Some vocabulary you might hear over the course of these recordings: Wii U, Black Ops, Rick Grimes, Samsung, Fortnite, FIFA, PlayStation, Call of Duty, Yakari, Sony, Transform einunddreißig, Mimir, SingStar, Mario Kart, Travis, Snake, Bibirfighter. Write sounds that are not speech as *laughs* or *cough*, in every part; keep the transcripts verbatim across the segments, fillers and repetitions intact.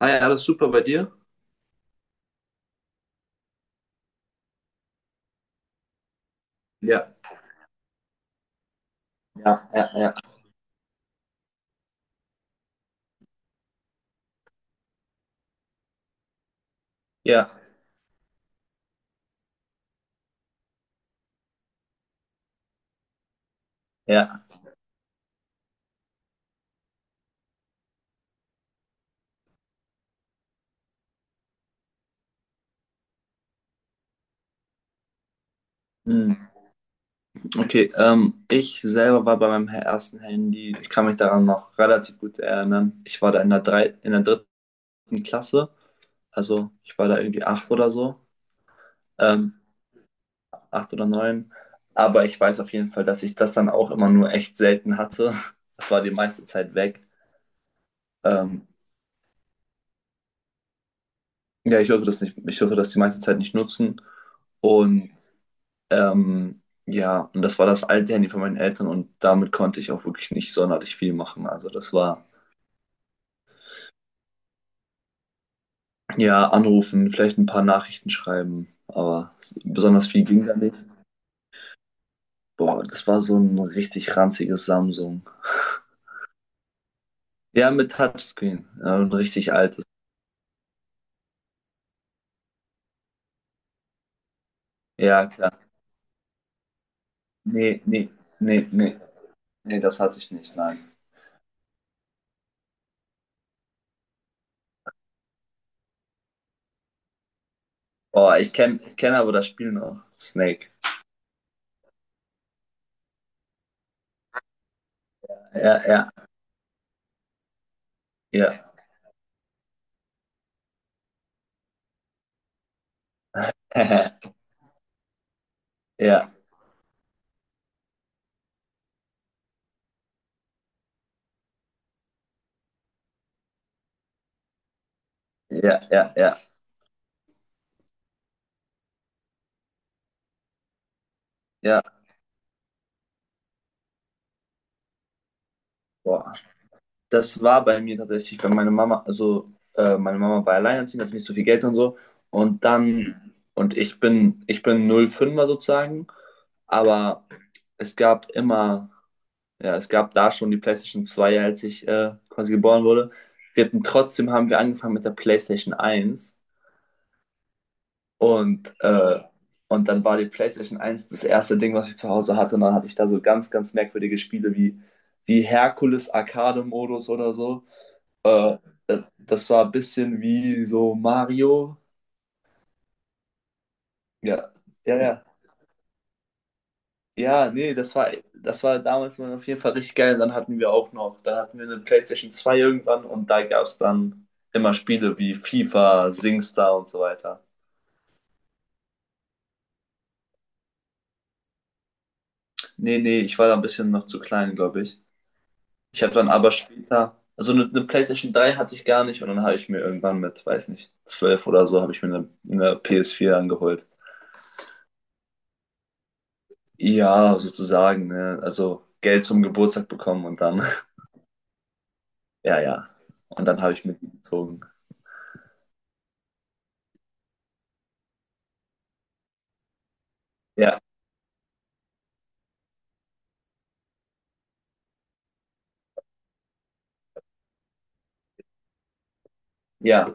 Ah ja, alles super bei dir? Ja, ja, ja, ja, ja, ja. Hm, Okay, ähm, ich selber war bei meinem ersten Handy. Ich kann mich daran noch relativ gut erinnern. Ich war da in der drei, in der dritten Klasse, also ich war da irgendwie acht oder so, ähm, acht oder neun. Aber ich weiß auf jeden Fall, dass ich das dann auch immer nur echt selten hatte. Das war die meiste Zeit weg. Ähm, ja, ich durfte das nicht, ich durfte das die meiste Zeit nicht nutzen. Und Ähm, ja, und das war das alte Handy von meinen Eltern, und damit konnte ich auch wirklich nicht sonderlich viel machen. Also das war ja anrufen, vielleicht ein paar Nachrichten schreiben, aber s- besonders viel ging da nicht. Boah, das war so ein richtig ranziges Samsung. Ja, mit Touchscreen, äh, ein richtig altes. Ja, klar. Nee, nee, nee, nee, nee, das hatte ich nicht, nein. Boah, ich kenne ich kenn aber das Spiel noch. Snake. Ja, ja, ja. *laughs* Ja, ja, ja, ja, ja. Boah. Das war bei mir tatsächlich, weil meine Mama, also äh, meine Mama war alleinerziehend, hat nicht so viel Geld und so. Und dann, und ich bin, ich bin null fünfer sozusagen, aber es gab immer, ja, es gab da schon die PlayStation zwei, als ich äh, quasi geboren wurde. Wir hatten, trotzdem haben wir angefangen mit der PlayStation eins, und, äh, und dann war die PlayStation eins das erste Ding, was ich zu Hause hatte. Und dann hatte ich da so ganz, ganz merkwürdige Spiele wie, wie Herkules Arcade-Modus oder so. Äh, Das, das war ein bisschen wie so Mario. Ja, ja, ja. Ja, nee, das war, das war damals mal auf jeden Fall richtig geil. Und dann hatten wir auch noch, dann hatten wir eine PlayStation zwei irgendwann, und da gab es dann immer Spiele wie FIFA, SingStar und so weiter. Nee, nee, ich war da ein bisschen noch zu klein, glaube ich. Ich habe dann aber später, also eine, eine PlayStation drei hatte ich gar nicht, und dann habe ich mir irgendwann mit, weiß nicht, zwölf oder so, habe ich mir eine, eine pe es vier angeholt. Ja, sozusagen, ne? Also Geld zum Geburtstag bekommen und dann, *laughs* ja, ja. Und dann habe ich mitgezogen. Ja, ja.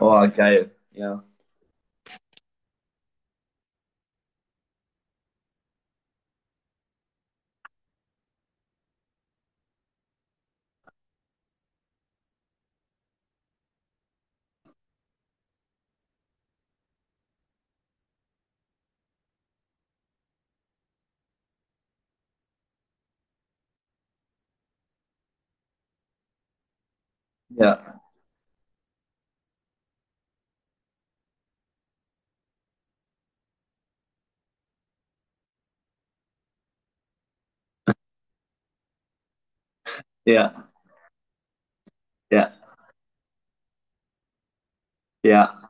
Oh, geil. Ja, ja, ja, ja, ja.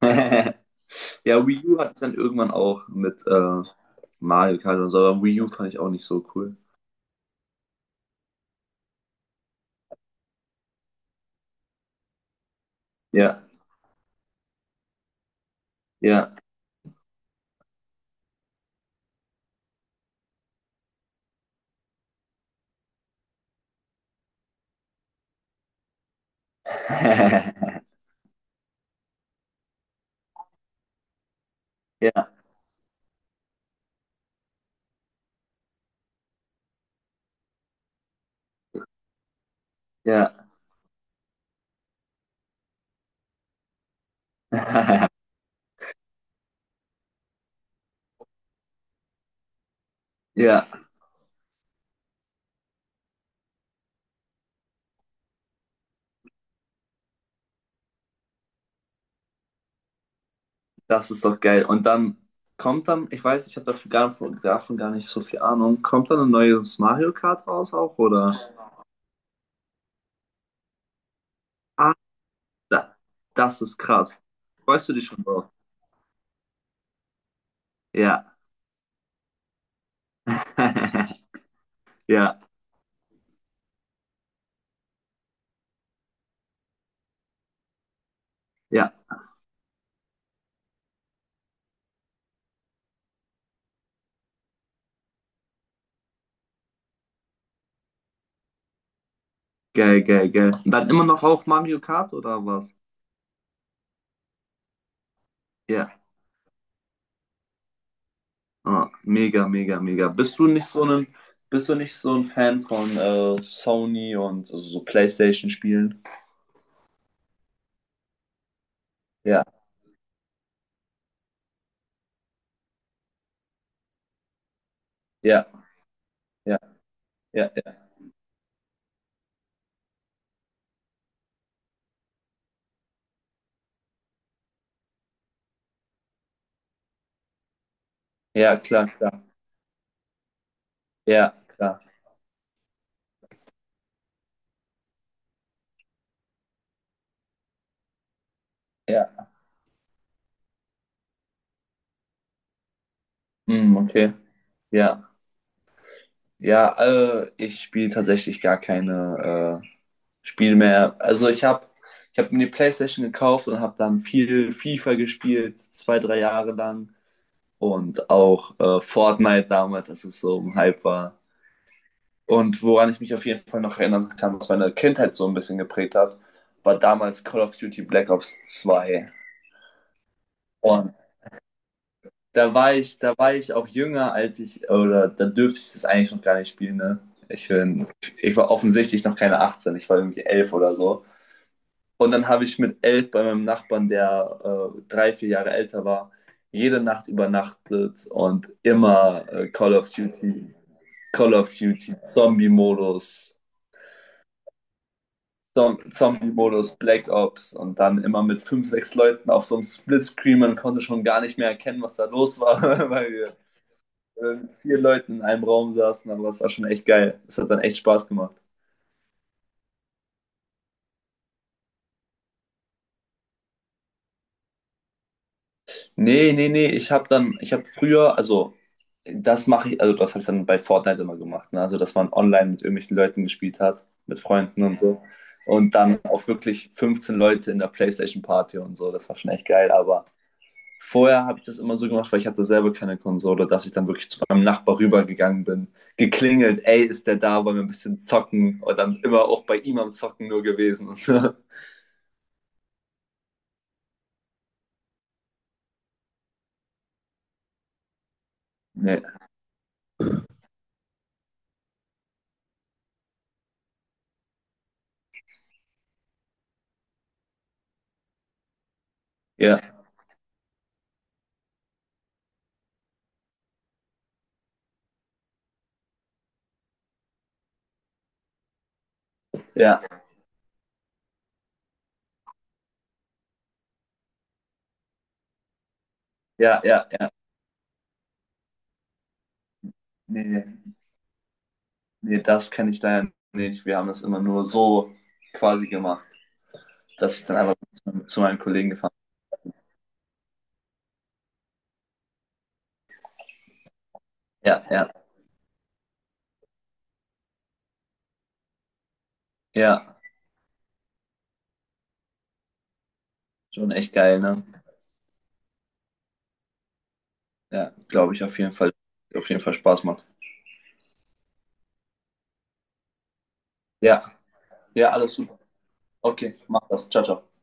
*laughs* Ja, Wii U hatte ich dann irgendwann auch mit äh, Mario Kart und so, aber Wii U fand ich auch nicht so cool. Ja, ja. *laughs* Ja, ja. *laughs* Ja. Das ist doch geil. Und dann kommt dann, ich weiß, ich habe dafür gar, von- davon gar nicht so viel Ahnung, kommt dann ein neues Mario Kart raus auch, oder? Ah, da, das ist krass. Freust du dich schon drauf? Ja. *laughs* Ja, ja. Geil, geil, geil. Und dann immer noch auch Mario Kart oder was? Ja. Ah, mega, mega, mega. Bist du nicht so ein, bist du nicht so ein Fan von äh, Sony und also so PlayStation-Spielen? Ja, ja, ja, ja, ja. Ja, klar, klar. Ja, klar. Ja. Hm, okay. Ja. Ja, äh, ich spiele tatsächlich gar keine äh, Spiele mehr. Also ich habe ich hab mir die PlayStation gekauft und habe dann viel FIFA gespielt, zwei, drei Jahre lang. Und auch äh, Fortnite damals, als es so im Hype war. Und woran ich mich auf jeden Fall noch erinnern kann, was meine Kindheit so ein bisschen geprägt hat, war damals Call of Duty Black Ops zwei da war ich, Da war ich auch jünger, als ich, oder da dürfte ich das eigentlich noch gar nicht spielen, ne? Ich, bin, Ich war offensichtlich noch keine achtzehn, ich war irgendwie elf oder so. Und dann habe ich mit elf bei meinem Nachbarn, der äh, drei, vier Jahre älter war, jede Nacht übernachtet, und immer äh, Call of Duty, Call of Duty, Zombie-Modus, Zom Zombie-Modus, Black Ops, und dann immer mit fünf, sechs Leuten auf so einem Splitscreen. Man konnte schon gar nicht mehr erkennen, was da los war, *laughs* weil wir ähm, vier Leuten in einem Raum saßen, aber es war schon echt geil. Es hat dann echt Spaß gemacht. Nee, nee, nee, ich habe dann, ich habe früher, also das mache ich, also das habe ich dann bei Fortnite immer gemacht, ne? Also dass man online mit irgendwelchen Leuten gespielt hat, mit Freunden und so. Und dann auch wirklich fünfzehn Leute in der PlayStation Party und so, das war schon echt geil, aber vorher habe ich das immer so gemacht, weil ich hatte selber keine Konsole, dass ich dann wirklich zu meinem Nachbar rübergegangen bin, geklingelt, ey, ist der da, wollen wir ein bisschen zocken, und dann immer auch bei ihm am Zocken nur gewesen und so. Nee, ja, ja, ja, ja, ja. Nee, nee, das kenne ich leider nicht. Wir haben das immer nur so quasi gemacht, dass ich dann einfach zu, zu meinen Kollegen gefahren bin. Ja, ja, ja. Schon echt geil, ne? Ja, glaube ich auf jeden Fall. Auf jeden Fall Spaß macht. Ja, ja, alles super. Okay, mach das. Ciao, ciao.